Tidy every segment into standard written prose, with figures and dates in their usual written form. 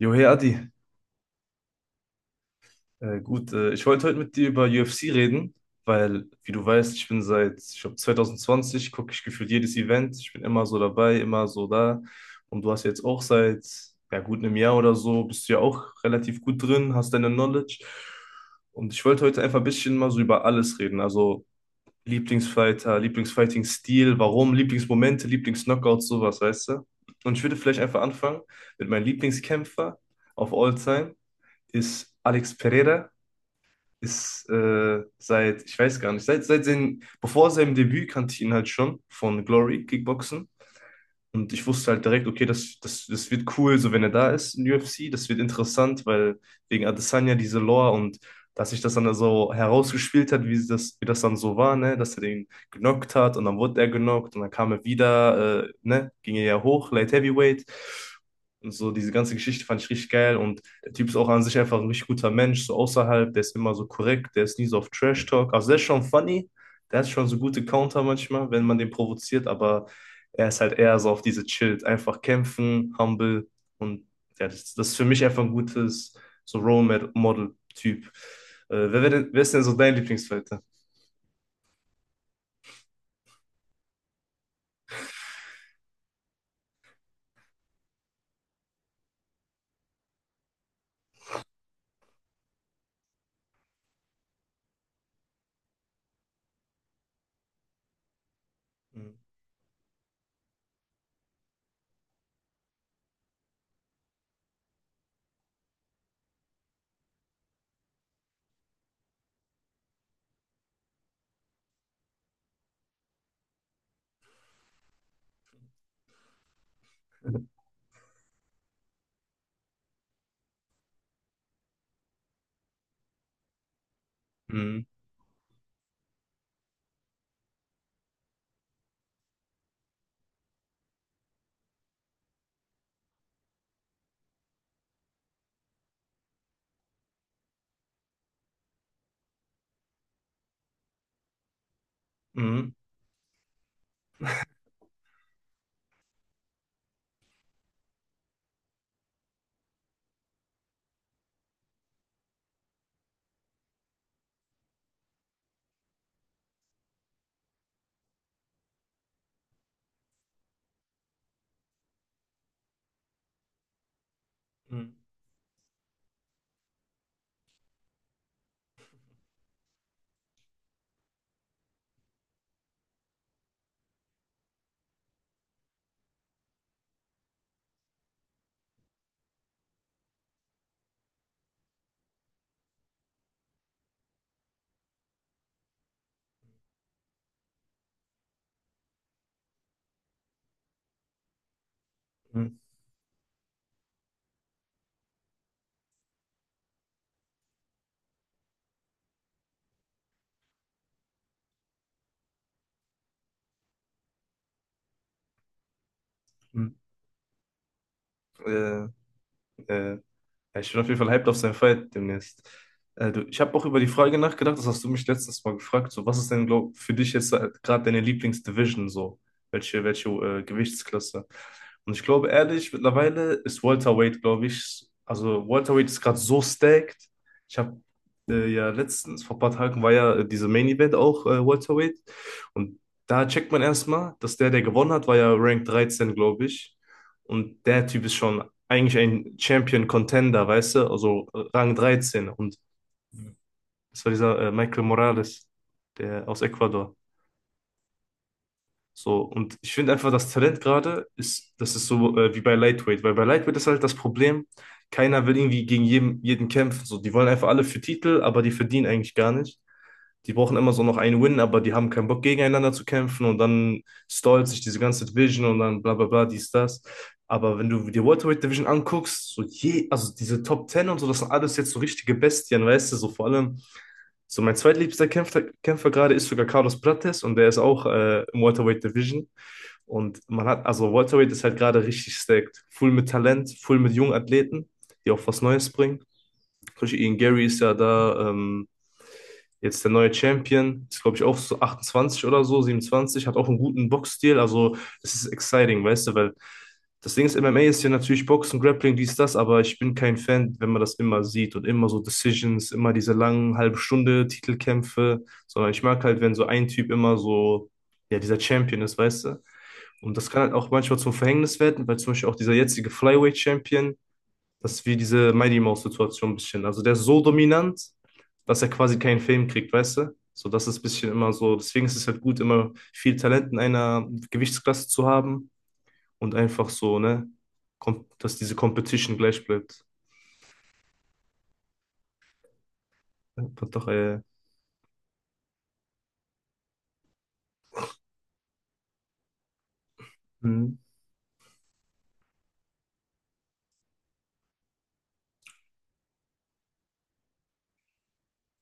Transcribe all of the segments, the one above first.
Jo, hey Adi. Gut. Ich wollte heute mit dir über UFC reden, weil, wie du weißt, ich bin seit, ich glaube, 2020 gucke ich gefühlt jedes Event. Ich bin immer so dabei, immer so da, und du hast jetzt auch seit, ja gut, einem Jahr oder so, bist du ja auch relativ gut drin, hast deine Knowledge. Und ich wollte heute einfach ein bisschen mal so über alles reden, also Lieblingsfighter, Lieblingsfighting-Stil, warum, Lieblingsmomente, Lieblingsknockouts, sowas, weißt du? Und ich würde vielleicht einfach anfangen mit meinem Lieblingskämpfer of all time ist Alex Pereira. Ist seit, ich weiß gar nicht, seit seinem, bevor seinem Debüt kannte ich ihn halt schon von Glory Kickboxen. Und ich wusste halt direkt, okay, das wird cool, so wenn er da ist in UFC, das wird interessant, weil wegen Adesanya diese Lore, und dass sich das dann so herausgespielt hat, wie das dann so war, ne, dass er den genockt hat und dann wurde er genockt und dann kam er wieder, ne, ging er ja hoch, Light Heavyweight. Und so diese ganze Geschichte fand ich richtig geil, und der Typ ist auch an sich einfach ein richtig guter Mensch, so außerhalb, der ist immer so korrekt, der ist nie so auf Trash Talk, also der ist schon funny, der hat schon so gute Counter manchmal, wenn man den provoziert, aber er ist halt eher so auf diese chillt, einfach kämpfen, humble, und ja, das ist für mich einfach ein gutes so Role Model Typ. Wer ist denn so dein Lieblingsfighter? Mhm. Mhm. Mhm. Mhm. Mhm. Äh, äh, Ja, ich bin auf jeden Fall hyped auf seinen Fight demnächst. Du, ich habe auch über die Frage nachgedacht. Das hast du mich letztes Mal gefragt, so was ist denn glaub, für dich jetzt gerade deine Lieblingsdivision so? Welche Gewichtsklasse? Und ich glaube ehrlich, mittlerweile ist Welterweight, glaube ich, also Welterweight ist gerade so stacked. Ich habe ja letztens, vor ein paar Tagen war ja diese Main Event auch Welterweight, und da checkt man erstmal, dass der, der gewonnen hat, war ja Rank 13, glaube ich. Und der Typ ist schon eigentlich ein Champion-Contender, weißt du? Also Rang 13. Und das war dieser Michael Morales, der aus Ecuador. So, und ich finde einfach, das Talent gerade ist, das ist so wie bei Lightweight, weil bei Lightweight ist halt das Problem, keiner will irgendwie gegen jeden, jeden kämpfen. So, die wollen einfach alle für Titel, aber die verdienen eigentlich gar nicht. Die brauchen immer so noch einen Win, aber die haben keinen Bock, gegeneinander zu kämpfen, und dann stallt sich diese ganze Division und dann bla bla bla, dies, das. Aber wenn du die Welterweight Division anguckst, so je, also diese Top 10 und so, das sind alles jetzt so richtige Bestien, weißt du, so vor allem, so mein zweitliebster Kämpfer gerade ist sogar Carlos Prates, und der ist auch im Welterweight Division. Und man hat, also Welterweight ist halt gerade richtig stacked. Full mit Talent, full mit jungen Athleten, die auch was Neues bringen. Zum Beispiel Ian Gary ist ja da jetzt der neue Champion. Ist, glaube ich, auch so 28 oder so, 27. Hat auch einen guten Boxstil. Also, es ist exciting, weißt du, weil das Ding ist, MMA ist ja natürlich Boxen, Grappling, dies, das, aber ich bin kein Fan, wenn man das immer sieht und immer so Decisions, immer diese langen halbe Stunde Titelkämpfe, sondern ich mag halt, wenn so ein Typ immer so, ja, dieser Champion ist, weißt du? Und das kann halt auch manchmal zum Verhängnis werden, weil zum Beispiel auch dieser jetzige Flyweight-Champion, das ist wie diese Mighty Mouse-Situation ein bisschen. Also der ist so dominant, dass er quasi keinen Film kriegt, weißt du? So, das ist ein bisschen immer so. Deswegen ist es halt gut, immer viel Talent in einer Gewichtsklasse zu haben und einfach so, ne, dass diese Competition gleich bleibt. Ja. Doch. Mhm.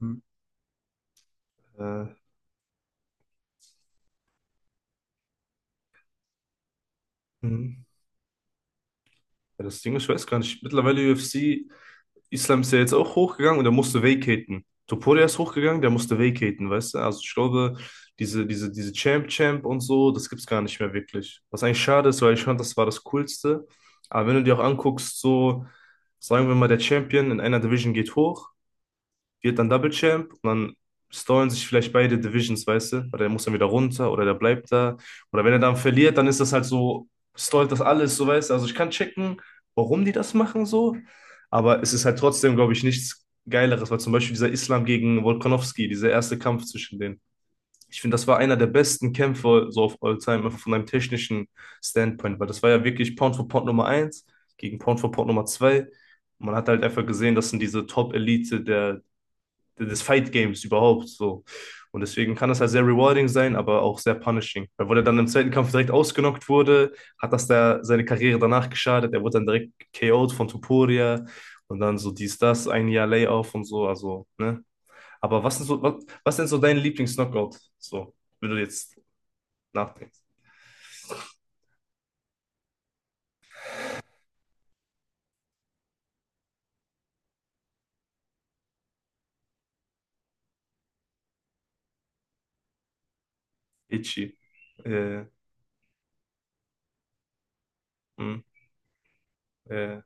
Mhm. äh, mhm. Ja, das Ding ist, ich weiß gar nicht. Mittlerweile UFC. Islam ist ja jetzt auch hochgegangen und er musste vacaten. Topuria ist hochgegangen, der musste vacaten, weißt du? Also ich glaube, diese Champ-Champ und so, das gibt's gar nicht mehr wirklich. Was eigentlich schade ist, weil ich fand, das war das Coolste. Aber wenn du dir auch anguckst, so, sagen wir mal, der Champion in einer Division geht hoch, wird dann Double Champ, und dann stallen sich vielleicht beide Divisions, weißt du? Oder der muss dann wieder runter oder der bleibt da. Oder wenn er dann verliert, dann ist das halt so, stallt das alles, so, weißt du? Also ich kann checken, warum die das machen so, aber es ist halt trotzdem, glaube ich, nichts Geileres, weil zum Beispiel dieser Islam gegen Volkanovski, dieser erste Kampf zwischen denen. Ich finde, das war einer der besten Kämpfe so auf All Time, einfach von einem technischen Standpoint, weil das war ja wirklich Pound for Pound Nummer eins gegen Pound for Pound Nummer 2. Man hat halt einfach gesehen, das sind diese Top-Elite der des Fight Games überhaupt so. Und deswegen kann das halt sehr rewarding sein, aber auch sehr punishing. Weil wo er dann im zweiten Kampf direkt ausgenockt wurde, hat das da seine Karriere danach geschadet. Er wurde dann direkt KO'd von Tuporia, und dann so dies, das, ein Jahr Layoff und so. Also, ne? Aber was ist so, was denn so dein Lieblings-Knockout? So, wenn du jetzt nachdenkst. Itchy. Äh, Mh, äh,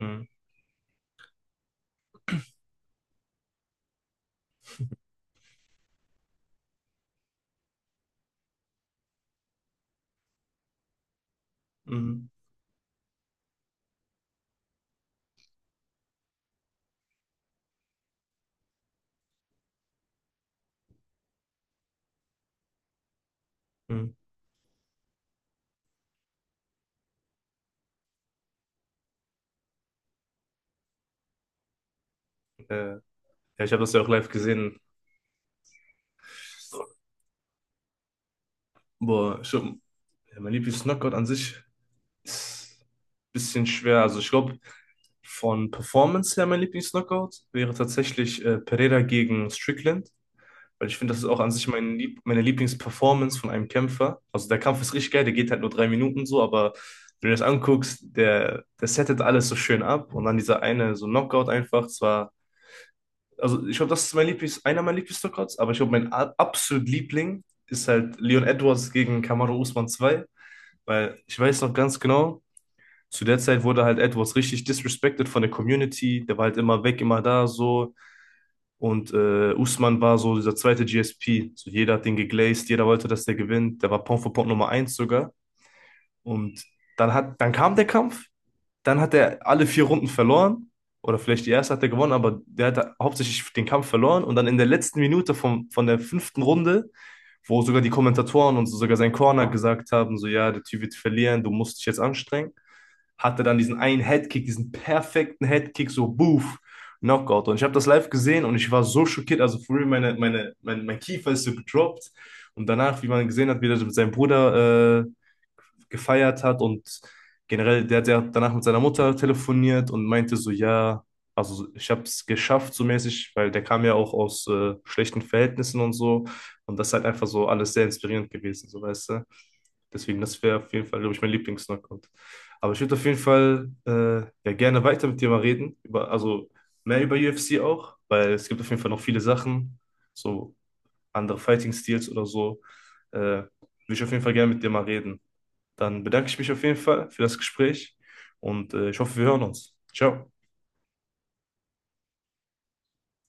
mh, mh, mh, äh. Ja, ich habe das ja auch live gesehen. Boah, schon, ja, mein Lieblings-Knockout an sich ist ein bisschen schwer. Also ich glaube, von Performance her mein Lieblingslockout wäre tatsächlich Pereira gegen Strickland. Weil ich finde, das ist auch an sich meine Lieblingsperformance von einem Kämpfer. Also der Kampf ist richtig geil, der geht halt nur 3 Minuten so, aber wenn du das anguckst, der settet alles so schön ab. Und dann dieser eine, so Knockout einfach, zwar, also ich glaube, das ist einer meiner Lieblings-Knockouts, aber ich glaube, mein absolut Liebling ist halt Leon Edwards gegen Kamaru Usman zwei. Weil ich weiß noch ganz genau, zu der Zeit wurde halt Edwards richtig disrespected von der Community. Der war halt immer weg, immer da so. Und Usman war so dieser zweite GSP. So, jeder hat den geglaced, jeder wollte, dass der gewinnt. Der war Pound for Pound Nummer eins sogar. Und dann, dann kam der Kampf. Dann hat er alle 4 Runden verloren. Oder vielleicht die erste hat er gewonnen, aber der hat hauptsächlich den Kampf verloren. Und dann in der letzten Minute vom, von der fünften Runde, wo sogar die Kommentatoren und so sogar sein Corner gesagt haben, so ja, der Typ wird verlieren, du musst dich jetzt anstrengen, hat er dann diesen einen Headkick, diesen perfekten Headkick, so boof, Knockout. Und ich habe das live gesehen, und ich war so schockiert. Also früher mein Kiefer ist so gedroppt. Und danach, wie man gesehen hat, wie er mit seinem Bruder gefeiert hat, und generell, der hat ja danach mit seiner Mutter telefoniert und meinte so, ja, also ich habe es geschafft so mäßig, weil der kam ja auch aus schlechten Verhältnissen und so. Und das ist halt einfach so alles sehr inspirierend gewesen, so, weißt du. Deswegen, das wäre auf jeden Fall, glaube ich, mein Lieblings-Knockout. Aber ich würde auf jeden Fall ja, gerne weiter mit dir mal reden, über, also mehr über UFC auch, weil es gibt auf jeden Fall noch viele Sachen, so andere fighting Styles oder so. Würde ich auf jeden Fall gerne mit dir mal reden. Dann bedanke ich mich auf jeden Fall für das Gespräch, und ich hoffe, wir hören uns. Ciao.